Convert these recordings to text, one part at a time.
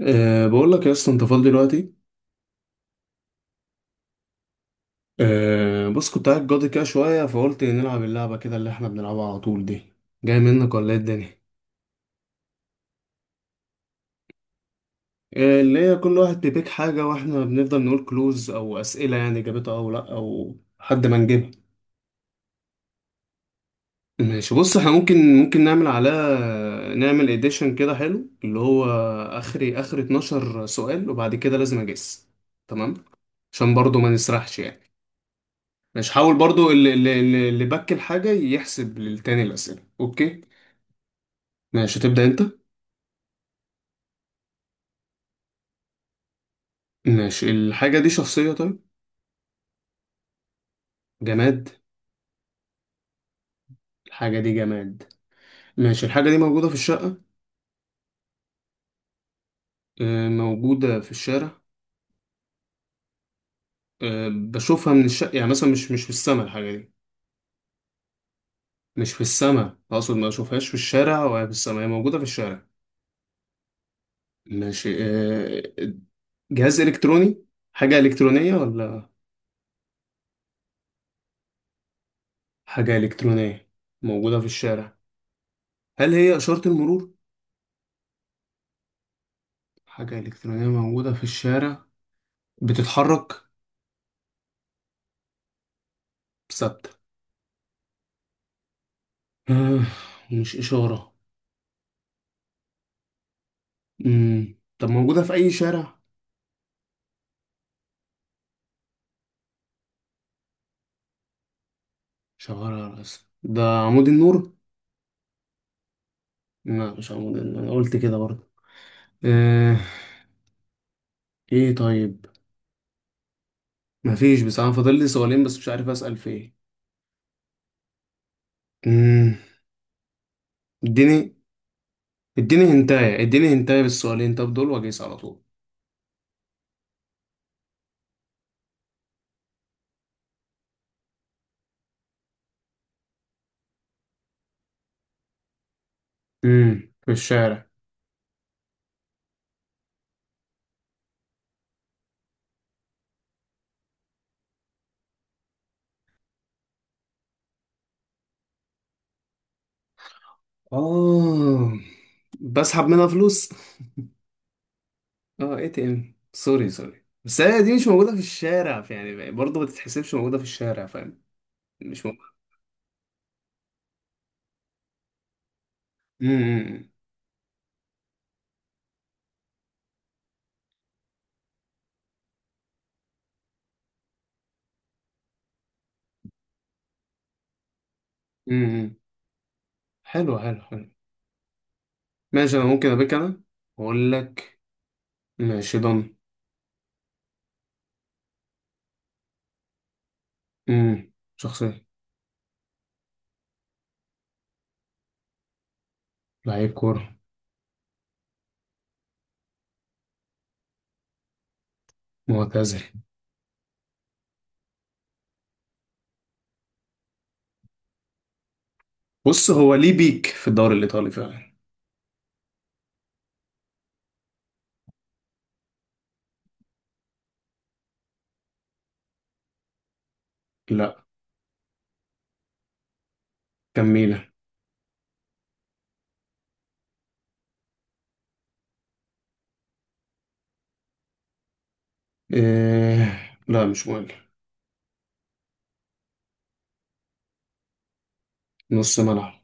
بقول لك يا اسطى، انت فاضي دلوقتي؟ بص، كنت قاعد جاضي كده شويه فقلت نلعب اللعبه كده اللي احنا بنلعبها على طول دي. جاي منك ولا ايه الدنيا؟ اللي هي كل واحد بيبيك حاجه، واحنا بنفضل نقول كلوز او اسئله، يعني جابتها او لا او حد ما نجيبها. ماشي، بص احنا ممكن، ممكن نعمل على، نعمل اديشن كده حلو، اللي هو اخري اخر 12 سؤال، وبعد كده لازم اجس. تمام. عشان برضو ما نسرحش يعني. ماشي، حاول برضو اللي بك الحاجة يحسب للتاني الأسئلة. أوكي، ماشي، هتبدأ أنت. ماشي، الحاجة دي شخصية؟ طيب، جماد. الحاجة دي جماد. ماشي، الحاجة دي موجودة في الشقة؟ آه، موجودة في الشارع. آه، بشوفها من الشقة يعني، مثلا مش في السماء الحاجة دي؟ مش في السماء، أقصد ما أشوفهاش في الشارع ولا في السماء، هي موجودة في الشارع. ماشي. آه، جهاز إلكتروني؟ حاجة إلكترونية ولا؟ حاجة إلكترونية موجودة في الشارع. هل هي إشارة المرور؟ حاجة إلكترونية موجودة في الشارع. بتتحرك؟ ثابتة. آه، ومش إشارة. مم. طب موجودة في أي شارع؟ شغالة على الأسف ده؟ عمود النور؟ لا، مش عمود النور، أنا قلت كده برضه. آه. إيه طيب؟ مفيش، بس أنا فاضل لي سؤالين بس مش عارف أسأل في إيه. مم. اديني، اديني هنتاية، اديني هنتاية بالسؤالين طب دول وأجيس على طول. في الشارع. آه، بسحب منها فلوس. اه، اي تي ام. سوري سوري، بس هي دي مش موجودة في الشارع يعني، برضه ما تتحسبش موجودة في الشارع، فاهم؟ مش موجودة. امم امم حلو حلو حلو. ماشي، انا ممكن ابيك انا واقول لك. ماشي، ضن. امم شخصية. لعيب كورة. معتزل. بص، هو ليه بيك في الدوري الايطالي فعلا. لا، كميلة. إيه لا مش مهم. نص ملعب.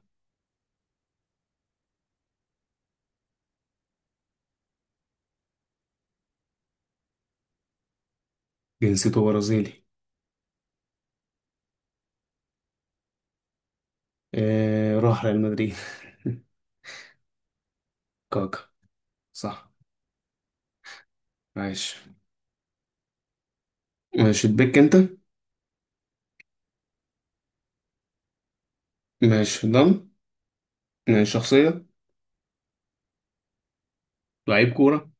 جنسيته برازيلي. إيه راح ريال مدريد. كاكا. صح. عايش. ماشي، تبيك انت. ماشي، دم. ماشي، شخصية. لعيب كورة.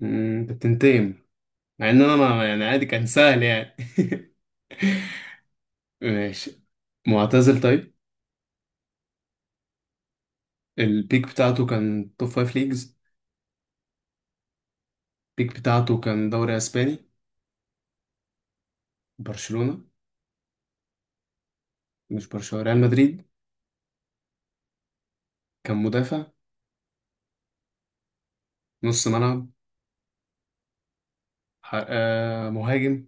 مم، انت بتنتقم، مع ان انا ما يعني عادي، كان سهل يعني. ماشي، معتزل طيب. البيك بتاعته كان توب فايف ليجز. البيك بتاعته كان دوري اسباني. برشلونة؟ مش برشلونة، ريال مدريد. كان مدافع؟ نص ملعب؟ آه مهاجم.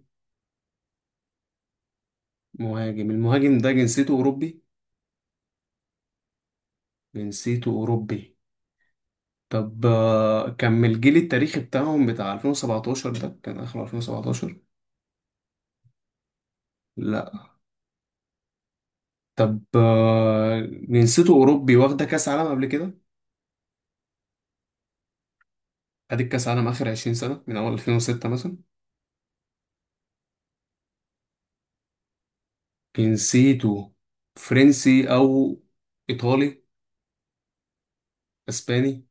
مهاجم. المهاجم ده جنسيته اوروبي. جنسيته اوروبي. طب آه، كان من الجيل التاريخي بتاعهم، بتاع 2017 ده، كان اخر 2017. طب آه، جنسيته أوروبي واخدة كأس عالم قبل كده. أديك كأس عالم آخر 20 سنة، من أول 2006 مثلا. جنسيته فرنسي أو إيطالي؟ أسباني.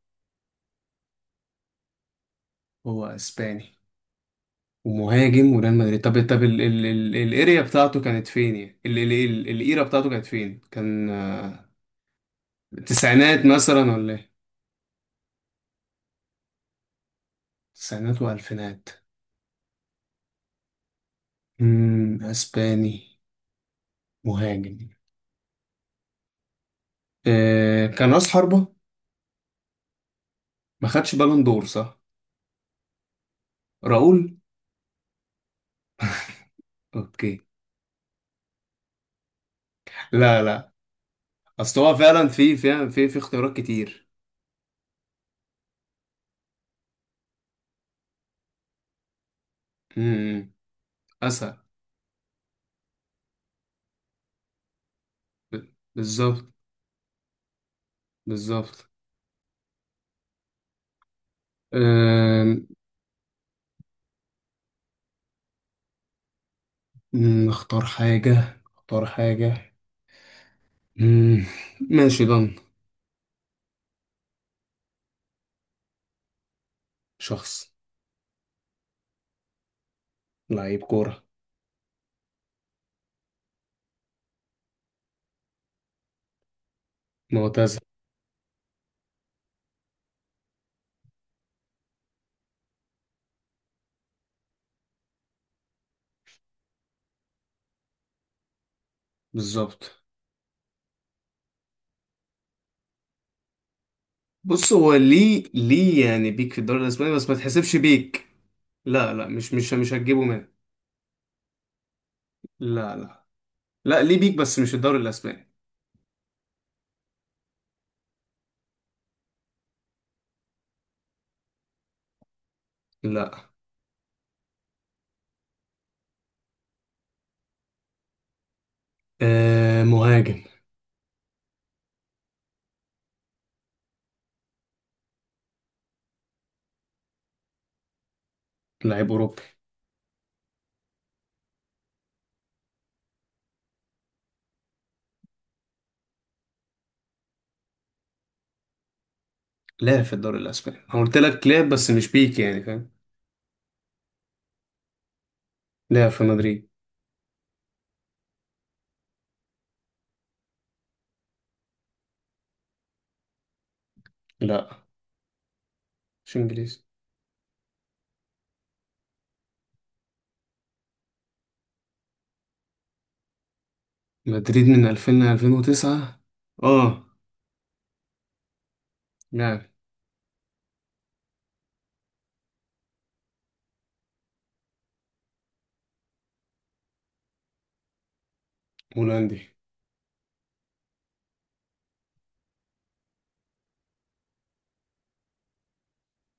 هو أسباني، ومهاجم، وريال مدريد. طب الاريا بتاعته كانت فين يعني، الإيرا بتاعته كانت فين، كان آه، التسعينات مثلا ولا إيه؟ تسعينات وألفينات. أسباني، مهاجم، آه، كان رأس حربة. ما خدش بالون دور، صح؟ راؤول. اوكي. لا لا، اصل هو فعلا في اختيارات كتير. امم اسهل. ب- بالظبط، بالظبط. أم، اختار حاجة، اختار حاجة. أم، ماشي، ضن. شخص. لعيب كورة. معتزل. بالظبط. بص، هو ليه، ليه يعني بيك في الدوري الاسباني، بس ما تحسبش بيك. لا لا، مش هتجيبه منه. لا لا، لا ليه بيك بس مش الدوري الاسباني. لا، أه مهاجم. لعيب اوروبا. لعب في الدوري الاسباني، انا قلت لك لعب، بس مش بيك يعني فاهم. لعب في مدريد. لا، مش انجليزي. مدريد من 2000 ل 2009. اه لعب. هولندي.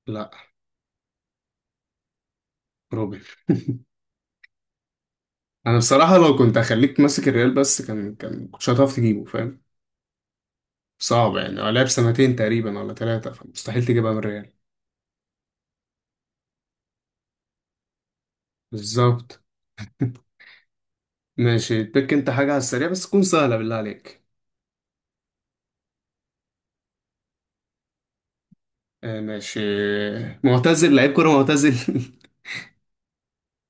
لا، روبن. انا بصراحه لو كنت هخليك ماسك الريال بس، كان كنتش هتعرف تجيبه فاهم. صعب يعني، هو لعب سنتين تقريبا ولا ثلاثه، فمستحيل تجيبها من الريال. بالظبط. ماشي، تك انت حاجه على السريع بس تكون سهله بالله عليك. آه ماشي. معتزل. لعيب كوره معتزل.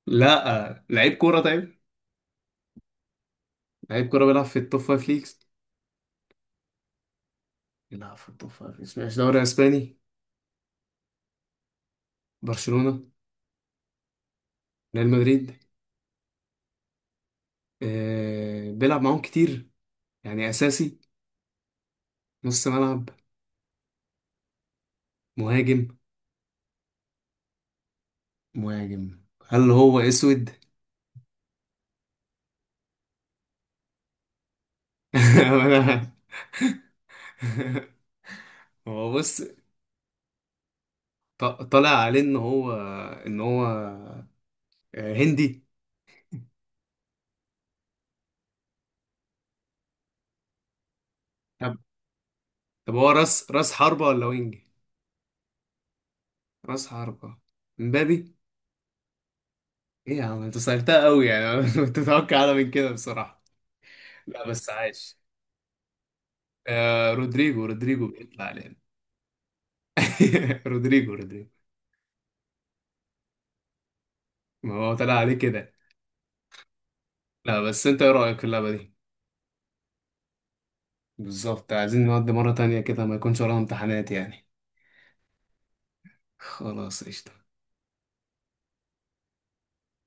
لا، لعيب كوره طيب. لعيب كرة بيلعب في التوب فايف ليجز. بيلعب في التوب فايف ليجز. ماشي. دوري اسباني. برشلونة؟ ريال مدريد. آه بيلعب معاهم كتير يعني، اساسي. نص ملعب؟ مهاجم. مهاجم. هل هو اسود؟ أنا هو بص، طالع عليه ان هو، ان هو، آه، هندي. طب، هو راس حربة ولا وينج؟ راس حربة. مبابي؟ ايه يا عم انت صيرتها قوي يعني. كنت متوقع اعلى من كده بصراحة. لا بس، عايش. آه رودريجو، رودريجو بيطلع علينا. رودريجو، رودريجو. ما هو طلع عليه كده. لا بس انت ايه رأيك في اللعبة دي؟ بالظبط، عايزين نودي مرة تانية كده ما يكونش ورانا امتحانات يعني. خلاص قشطة.